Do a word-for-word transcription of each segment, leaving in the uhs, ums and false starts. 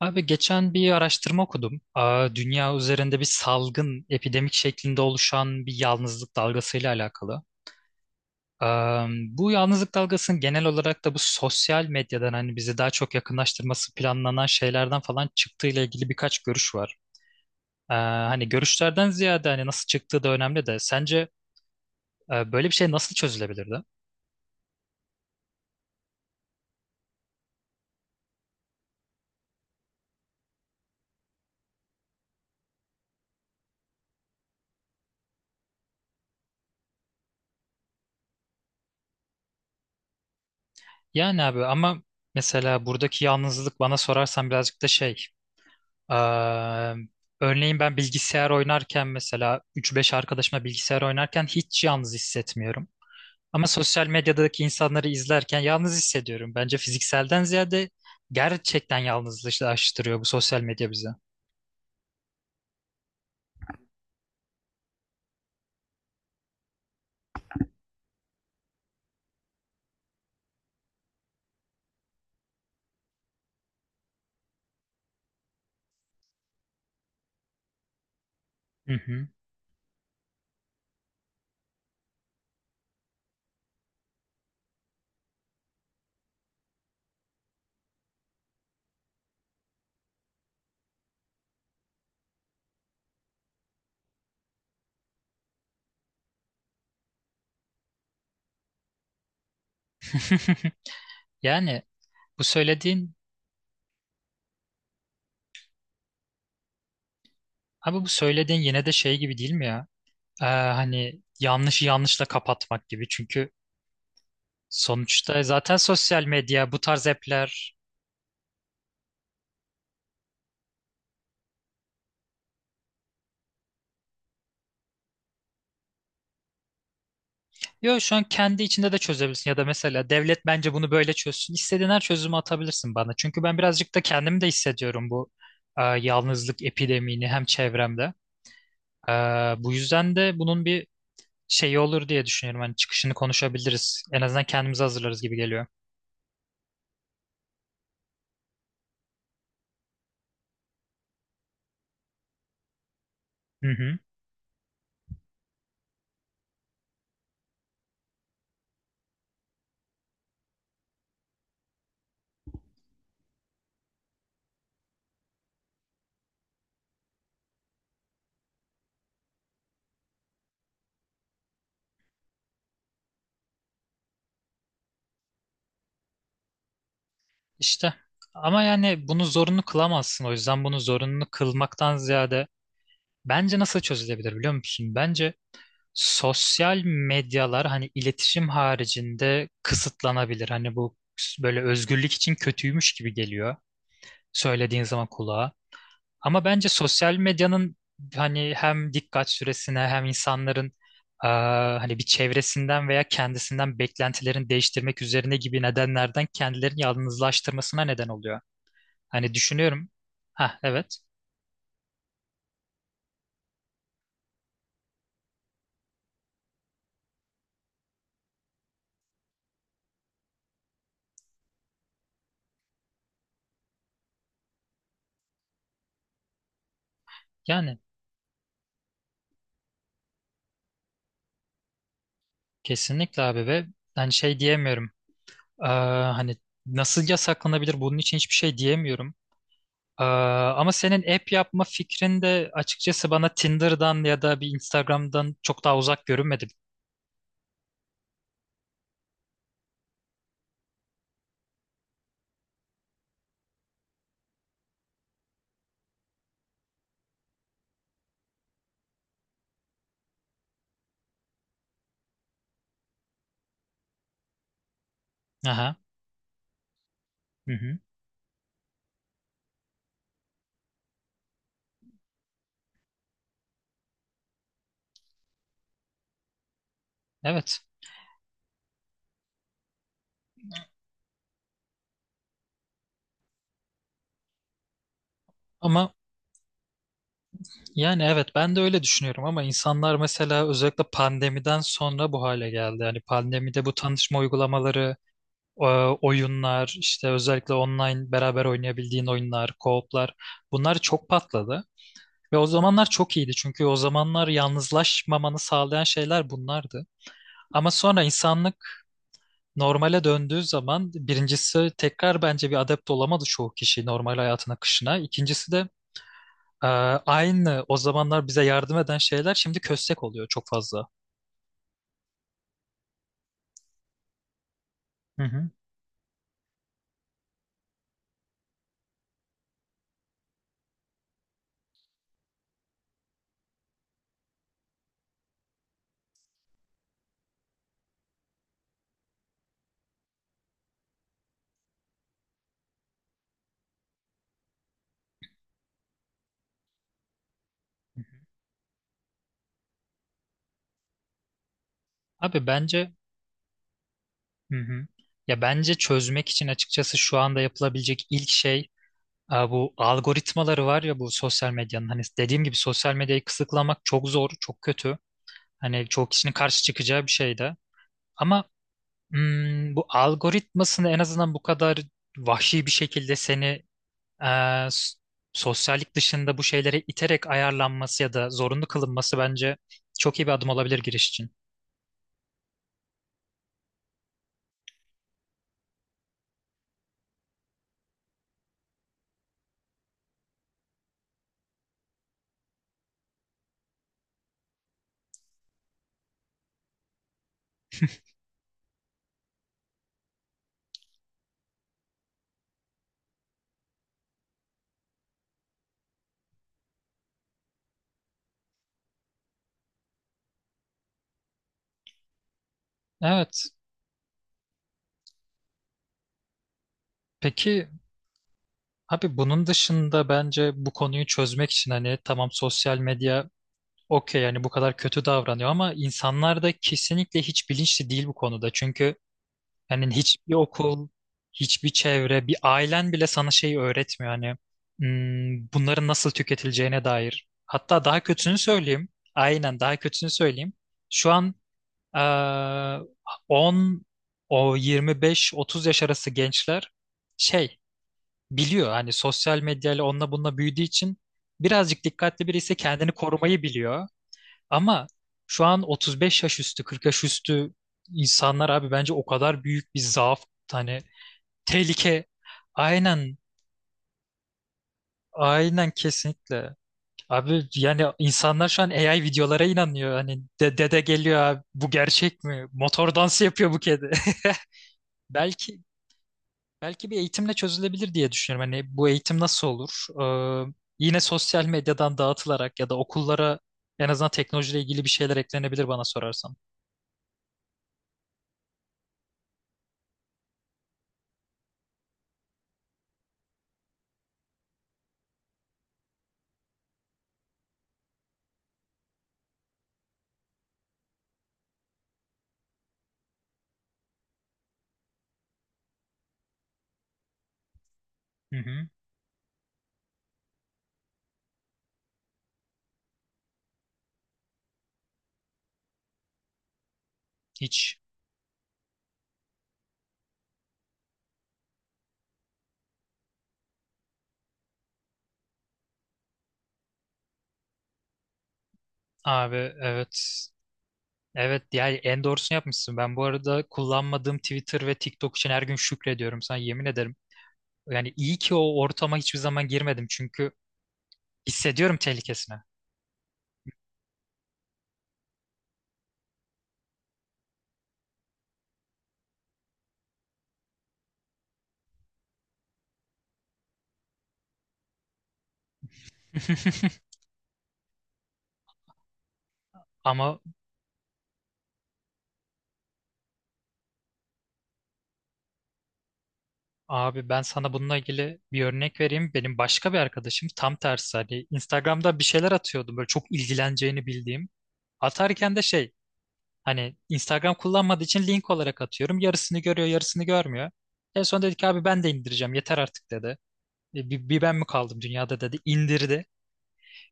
Abi geçen bir araştırma okudum. Aa, dünya üzerinde bir salgın, epidemik şeklinde oluşan bir yalnızlık dalgasıyla alakalı. Aa, bu yalnızlık dalgasının genel olarak da bu sosyal medyadan hani bizi daha çok yakınlaştırması planlanan şeylerden falan çıktığı ile ilgili birkaç görüş var. Aa, hani görüşlerden ziyade hani nasıl çıktığı da önemli de sence e, böyle bir şey nasıl çözülebilirdi? Yani abi ama mesela buradaki yalnızlık bana sorarsan birazcık da şey. eee, Örneğin ben bilgisayar oynarken mesela üç beş arkadaşımla bilgisayar oynarken hiç yalnız hissetmiyorum. Ama sosyal medyadaki insanları izlerken yalnız hissediyorum. Bence fizikselden ziyade gerçekten yalnızlaştırıyor bu sosyal medya bizi. Hı hı. Yani bu söylediğin abi bu söylediğin yine de şey gibi değil mi ya? Ee, hani yanlışı yanlışla kapatmak gibi. Çünkü sonuçta zaten sosyal medya bu tarz app'ler. Yo şu an kendi içinde de çözebilirsin ya da mesela devlet bence bunu böyle çözsün. İstediğin her çözümü atabilirsin bana. Çünkü ben birazcık da kendim de hissediyorum bu e, yalnızlık epidemini hem çevremde. E, Bu yüzden de bunun bir şeyi olur diye düşünüyorum. Hani çıkışını konuşabiliriz. En azından kendimizi hazırlarız gibi geliyor. Hı hı. İşte ama yani bunu zorunlu kılamazsın. O yüzden bunu zorunlu kılmaktan ziyade bence nasıl çözülebilir biliyor musun? Bence sosyal medyalar hani iletişim haricinde kısıtlanabilir. Hani bu böyle özgürlük için kötüymüş gibi geliyor söylediğin zaman kulağa. Ama bence sosyal medyanın hani hem dikkat süresine hem insanların eee, hani bir çevresinden veya kendisinden beklentilerini değiştirmek üzerine gibi nedenlerden kendilerini yalnızlaştırmasına neden oluyor. Hani düşünüyorum. Ha evet. Yani kesinlikle abi ve hani şey diyemiyorum. Ee, Hani nasıl yasaklanabilir bunun için hiçbir şey diyemiyorum. Ee, Ama senin app yapma fikrin de açıkçası bana Tinder'dan ya da bir Instagram'dan çok daha uzak görünmedi. Aha. Hı hı. Evet. Ama yani evet ben de öyle düşünüyorum ama insanlar mesela özellikle pandemiden sonra bu hale geldi. Yani pandemide bu tanışma uygulamaları, e, oyunlar, işte özellikle online beraber oynayabildiğin oyunlar, co-op'lar, bunlar çok patladı. Ve o zamanlar çok iyiydi çünkü o zamanlar yalnızlaşmamanı sağlayan şeyler bunlardı. Ama sonra insanlık normale döndüğü zaman birincisi tekrar bence bir adapte olamadı çoğu kişi normal hayatın akışına. İkincisi de e, aynı o zamanlar bize yardım eden şeyler şimdi köstek oluyor çok fazla. Hı hı. Abi bence hı hı. Ya bence çözmek için açıkçası şu anda yapılabilecek ilk şey, Aa, bu algoritmaları var ya bu sosyal medyanın, hani dediğim gibi sosyal medyayı kısıtlamak çok zor, çok kötü. Hani çoğu kişinin karşı çıkacağı bir şey de. Ama hmm, bu algoritmasını en azından bu kadar vahşi bir şekilde seni eee, s- sosyallik dışında bu şeylere iterek ayarlanması ya da zorunlu kılınması bence çok iyi bir adım olabilir giriş için. Evet. Peki abi bunun dışında bence bu konuyu çözmek için hani tamam, sosyal medya okey, yani bu kadar kötü davranıyor ama insanlar da kesinlikle hiç bilinçli değil bu konuda. Çünkü hani hiçbir okul, hiçbir çevre, bir ailen bile sana şeyi öğretmiyor, hani hmm, bunların nasıl tüketileceğine dair. Hatta daha kötüsünü söyleyeyim. Aynen, daha kötüsünü söyleyeyim. Şu an eee on o yirmi beş otuz yaş arası gençler şey biliyor, hani sosyal medyayla, onunla bununla büyüdüğü için birazcık dikkatli birisi kendini korumayı biliyor. Ama şu an otuz beş yaş üstü, kırk yaş üstü insanlar abi bence o kadar büyük bir zaaf, hani tehlike. Aynen, aynen kesinlikle. Abi yani insanlar şu an A I videolara inanıyor. Hani de- dede geliyor, abi bu gerçek mi? Motor dansı yapıyor bu kedi. Belki belki bir eğitimle çözülebilir diye düşünüyorum. Hani bu eğitim nasıl olur? Ee, Yine sosyal medyadan dağıtılarak ya da okullara en azından teknolojiyle ilgili bir şeyler eklenebilir bana sorarsan. Hı hı. Hiç. Abi evet. Evet, yani en doğrusunu yapmışsın. Ben bu arada kullanmadığım Twitter ve TikTok için her gün şükrediyorum, sana yemin ederim. Yani iyi ki o ortama hiçbir zaman girmedim çünkü hissediyorum tehlikesini. Ama abi ben sana bununla ilgili bir örnek vereyim. Benim başka bir arkadaşım tam tersi, hani Instagram'da bir şeyler atıyordu böyle çok ilgileneceğini bildiğim. Atarken de şey, hani Instagram kullanmadığı için link olarak atıyorum. Yarısını görüyor, yarısını görmüyor. En son dedi ki abi ben de indireceğim, yeter artık dedi. E, bir, bir ben mi kaldım dünyada dedi. İndirdi.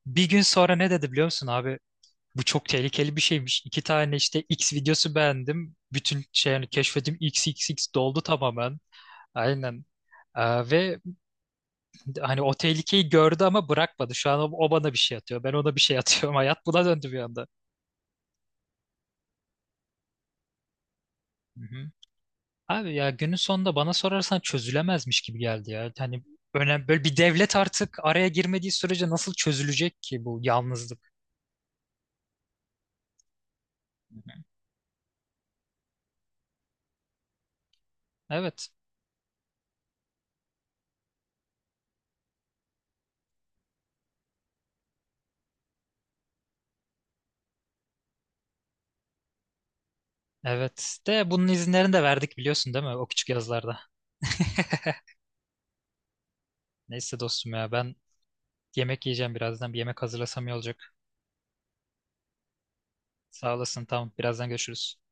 Bir gün sonra ne dedi biliyor musun abi? Bu çok tehlikeli bir şeymiş. İki tane işte X videosu beğendim. Bütün şey, hani keşfetim X X X doldu tamamen. Aynen. Ee, ve Hani o tehlikeyi gördü ama bırakmadı. Şu an o, o bana bir şey atıyor. Ben ona bir şey atıyorum. Hayat buna döndü bir anda. Hı-hı. Abi ya günün sonunda bana sorarsan çözülemezmiş gibi geldi ya. Hani önemli, böyle bir devlet artık araya girmediği sürece nasıl çözülecek ki bu yalnızlık? Evet. Evet. De bunun izinlerini de verdik biliyorsun değil mi? O küçük yazlarda. Neyse dostum, ya ben yemek yiyeceğim birazdan. Bir yemek hazırlasam iyi olacak. Sağ olasın. Tamam. Birazdan görüşürüz.